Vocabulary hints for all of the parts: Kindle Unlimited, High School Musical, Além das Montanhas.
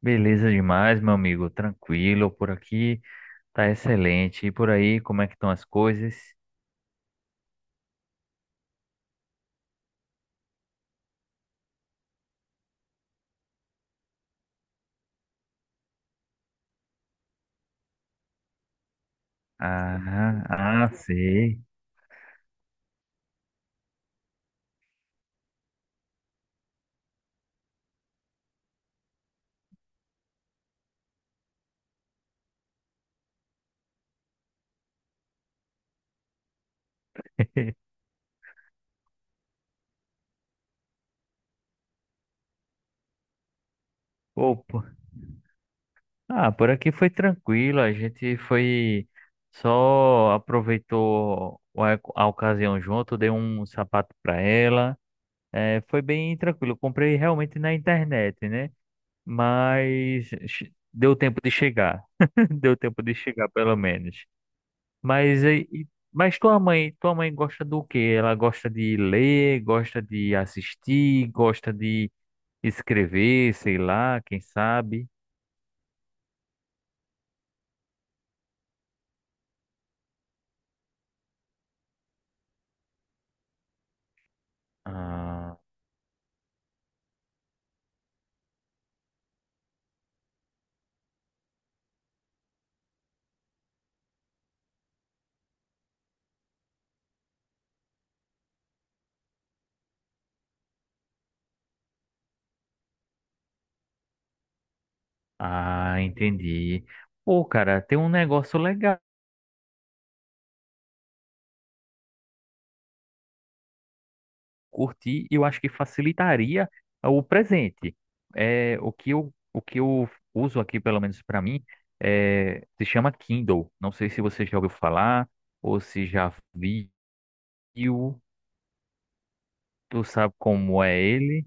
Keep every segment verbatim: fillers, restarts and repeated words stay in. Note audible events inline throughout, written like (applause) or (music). Beleza demais, meu amigo. Tranquilo, por aqui tá excelente. E por aí, como é que estão as coisas? Ah, ah, sei. (laughs) Opa. Ah, por aqui foi tranquilo. A gente foi só aproveitou a, a ocasião junto, dei um sapato para ela. É, foi bem tranquilo. Comprei realmente na internet, né? Mas che- deu tempo de chegar. (laughs) Deu tempo de chegar, pelo menos. Mas, e- e- mas tua mãe, tua mãe gosta do quê? Ela gosta de ler, gosta de assistir, gosta de escrever, sei lá, quem sabe. Ah, ah, entendi. Pô, cara, tem um negócio legal. Curtir, eu acho que facilitaria o presente. É, o que eu, o que eu uso aqui, pelo menos para mim, é, se chama Kindle. Não sei se você já ouviu falar ou se já viu. Tu sabe como é ele?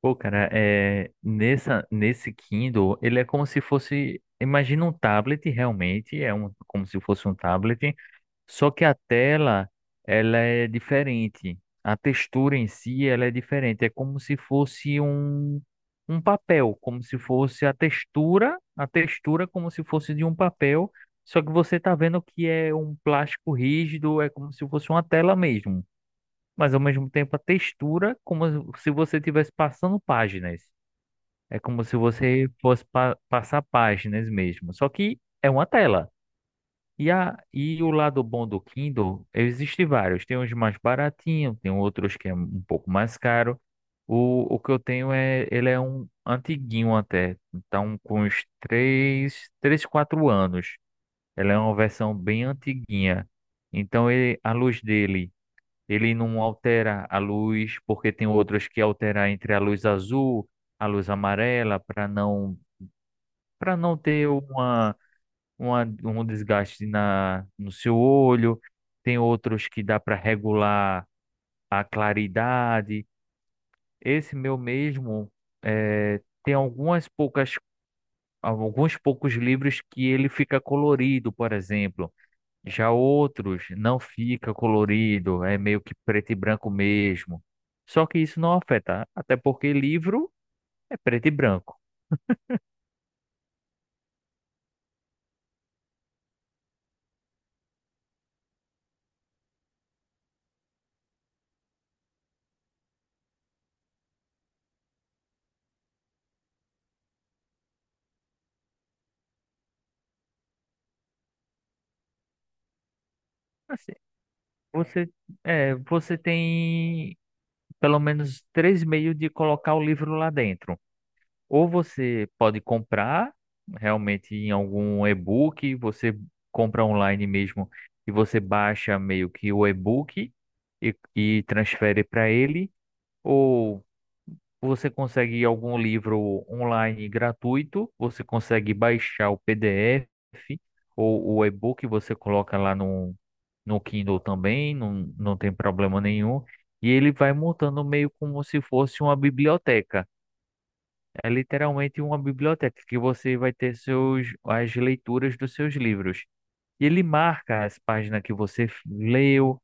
Pô, cara, é, nessa, nesse Kindle, ele é como se fosse, imagina um tablet realmente, é um, como se fosse um tablet, só que a tela, ela é diferente, a textura em si, ela é diferente, é como se fosse um, um papel, como se fosse a textura, a textura como se fosse de um papel, só que você tá vendo que é um plástico rígido, é como se fosse uma tela mesmo, mas ao mesmo tempo a textura, como se você estivesse passando páginas. É como se você fosse pa- passar páginas mesmo. Só que é uma tela. E, a, e o lado bom do Kindle, existem vários. Tem uns mais baratinhos, tem outros que é um pouco mais caro. O, o que eu tenho é, ele é um antiguinho até. Então, com uns três três quatro anos. Ela é uma versão bem antiguinha. Então, ele, a luz dele, ele não altera a luz, porque tem outros que alteram entre a luz azul, a luz amarela, para não para não ter uma, uma um desgaste na no seu olho. Tem outros que dá para regular a claridade. Esse meu mesmo, eh, tem algumas poucas alguns poucos livros que ele fica colorido, por exemplo. Já outros não fica colorido, é meio que preto e branco mesmo. Só que isso não afeta, até porque livro é preto e branco. Assim, você, é, você tem pelo menos três meios de colocar o livro lá dentro. Ou você pode comprar realmente em algum e-book, você compra online mesmo e você baixa meio que o e-book e, e transfere para ele. Ou você consegue algum livro online gratuito, você consegue baixar o P D F ou o e-book, você coloca lá no, no Kindle também, não, não tem problema nenhum. E ele vai montando meio como se fosse uma biblioteca. É literalmente uma biblioteca que você vai ter seus, as leituras dos seus livros. E ele marca as páginas que você f- leu,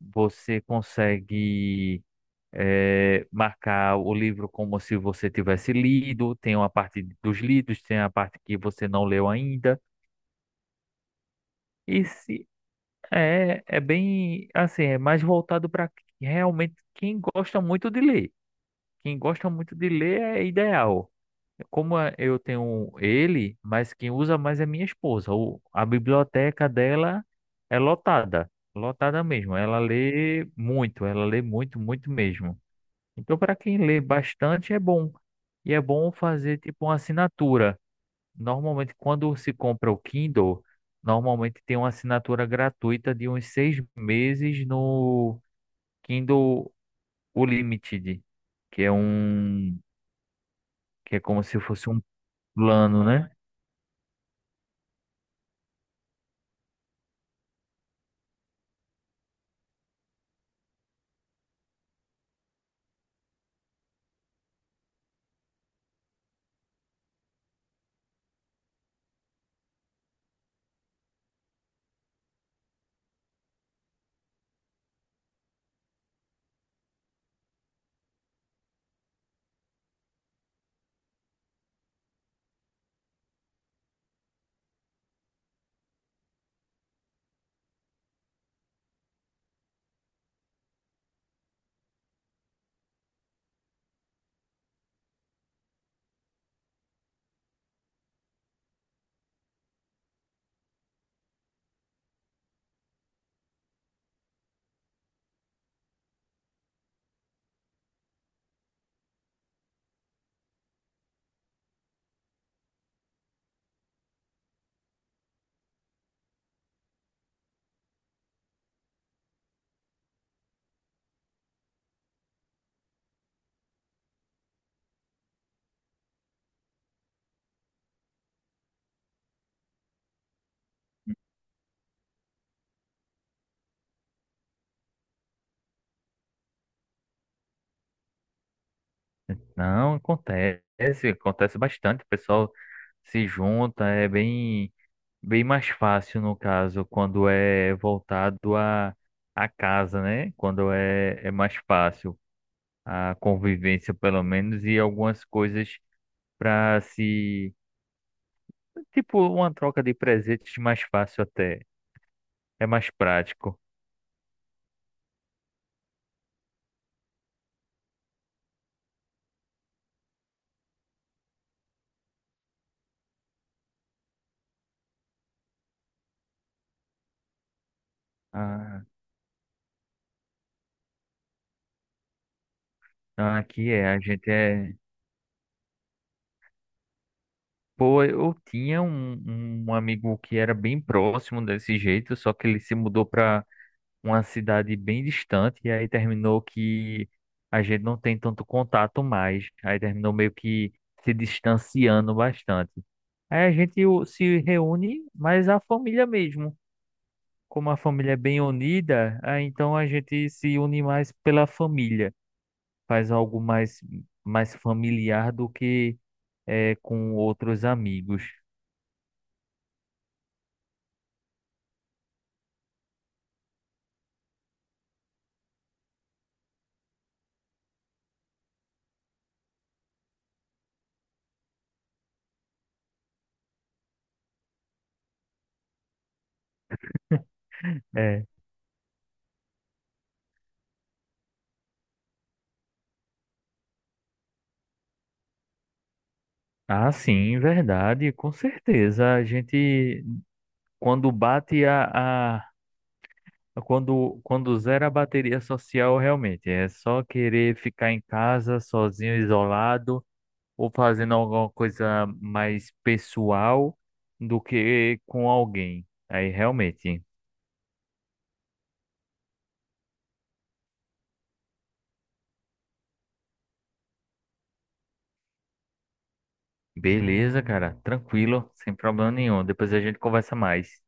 você consegue eh, marcar o livro como se você tivesse lido, tem uma parte dos lidos, tem a parte que você não leu ainda. E se é, é bem assim, é mais voltado para realmente quem gosta muito de ler. Quem gosta muito de ler é ideal. Como a- eu tenho ele, mas quem usa mais é minha esposa. O, a biblioteca dela é lotada, lotada mesmo. Ela lê muito, ela lê muito, muito mesmo. Então, para quem lê bastante, é bom. E é bom fazer tipo uma assinatura. Normalmente, quando se compra o Kindle, normalmente tem uma assinatura gratuita de uns seis meses no Kindle Unlimited, que é um, que é como se fosse um plano, né? Não, acontece, acontece bastante. O pessoal se junta, é bem bem mais fácil, no caso, quando é voltado à à casa, né? Quando é, é mais fácil a convivência, pelo menos, e algumas coisas para se. Tipo, uma troca de presentes mais fácil até. É mais prático. Ah, ah, aqui é, a gente é. Pô, eu tinha um, um amigo que era bem próximo desse jeito, só que ele se mudou para uma cidade bem distante, e aí terminou que a gente não tem tanto contato mais. Aí terminou meio que se distanciando bastante. Aí a gente o- se reúne, mas a família mesmo. Como a família é bem unida, aí então a gente se une mais pela família. Faz algo mais, mais familiar do que é, com outros amigos. É. Ah, sim, verdade, com certeza. A gente, quando bate a, a... Quando, quando zera a bateria social, realmente é só querer ficar em casa, sozinho, isolado, ou fazendo alguma coisa mais pessoal do que com alguém. Aí, realmente, beleza, cara, tranquilo, sem problema nenhum. Depois a gente conversa mais.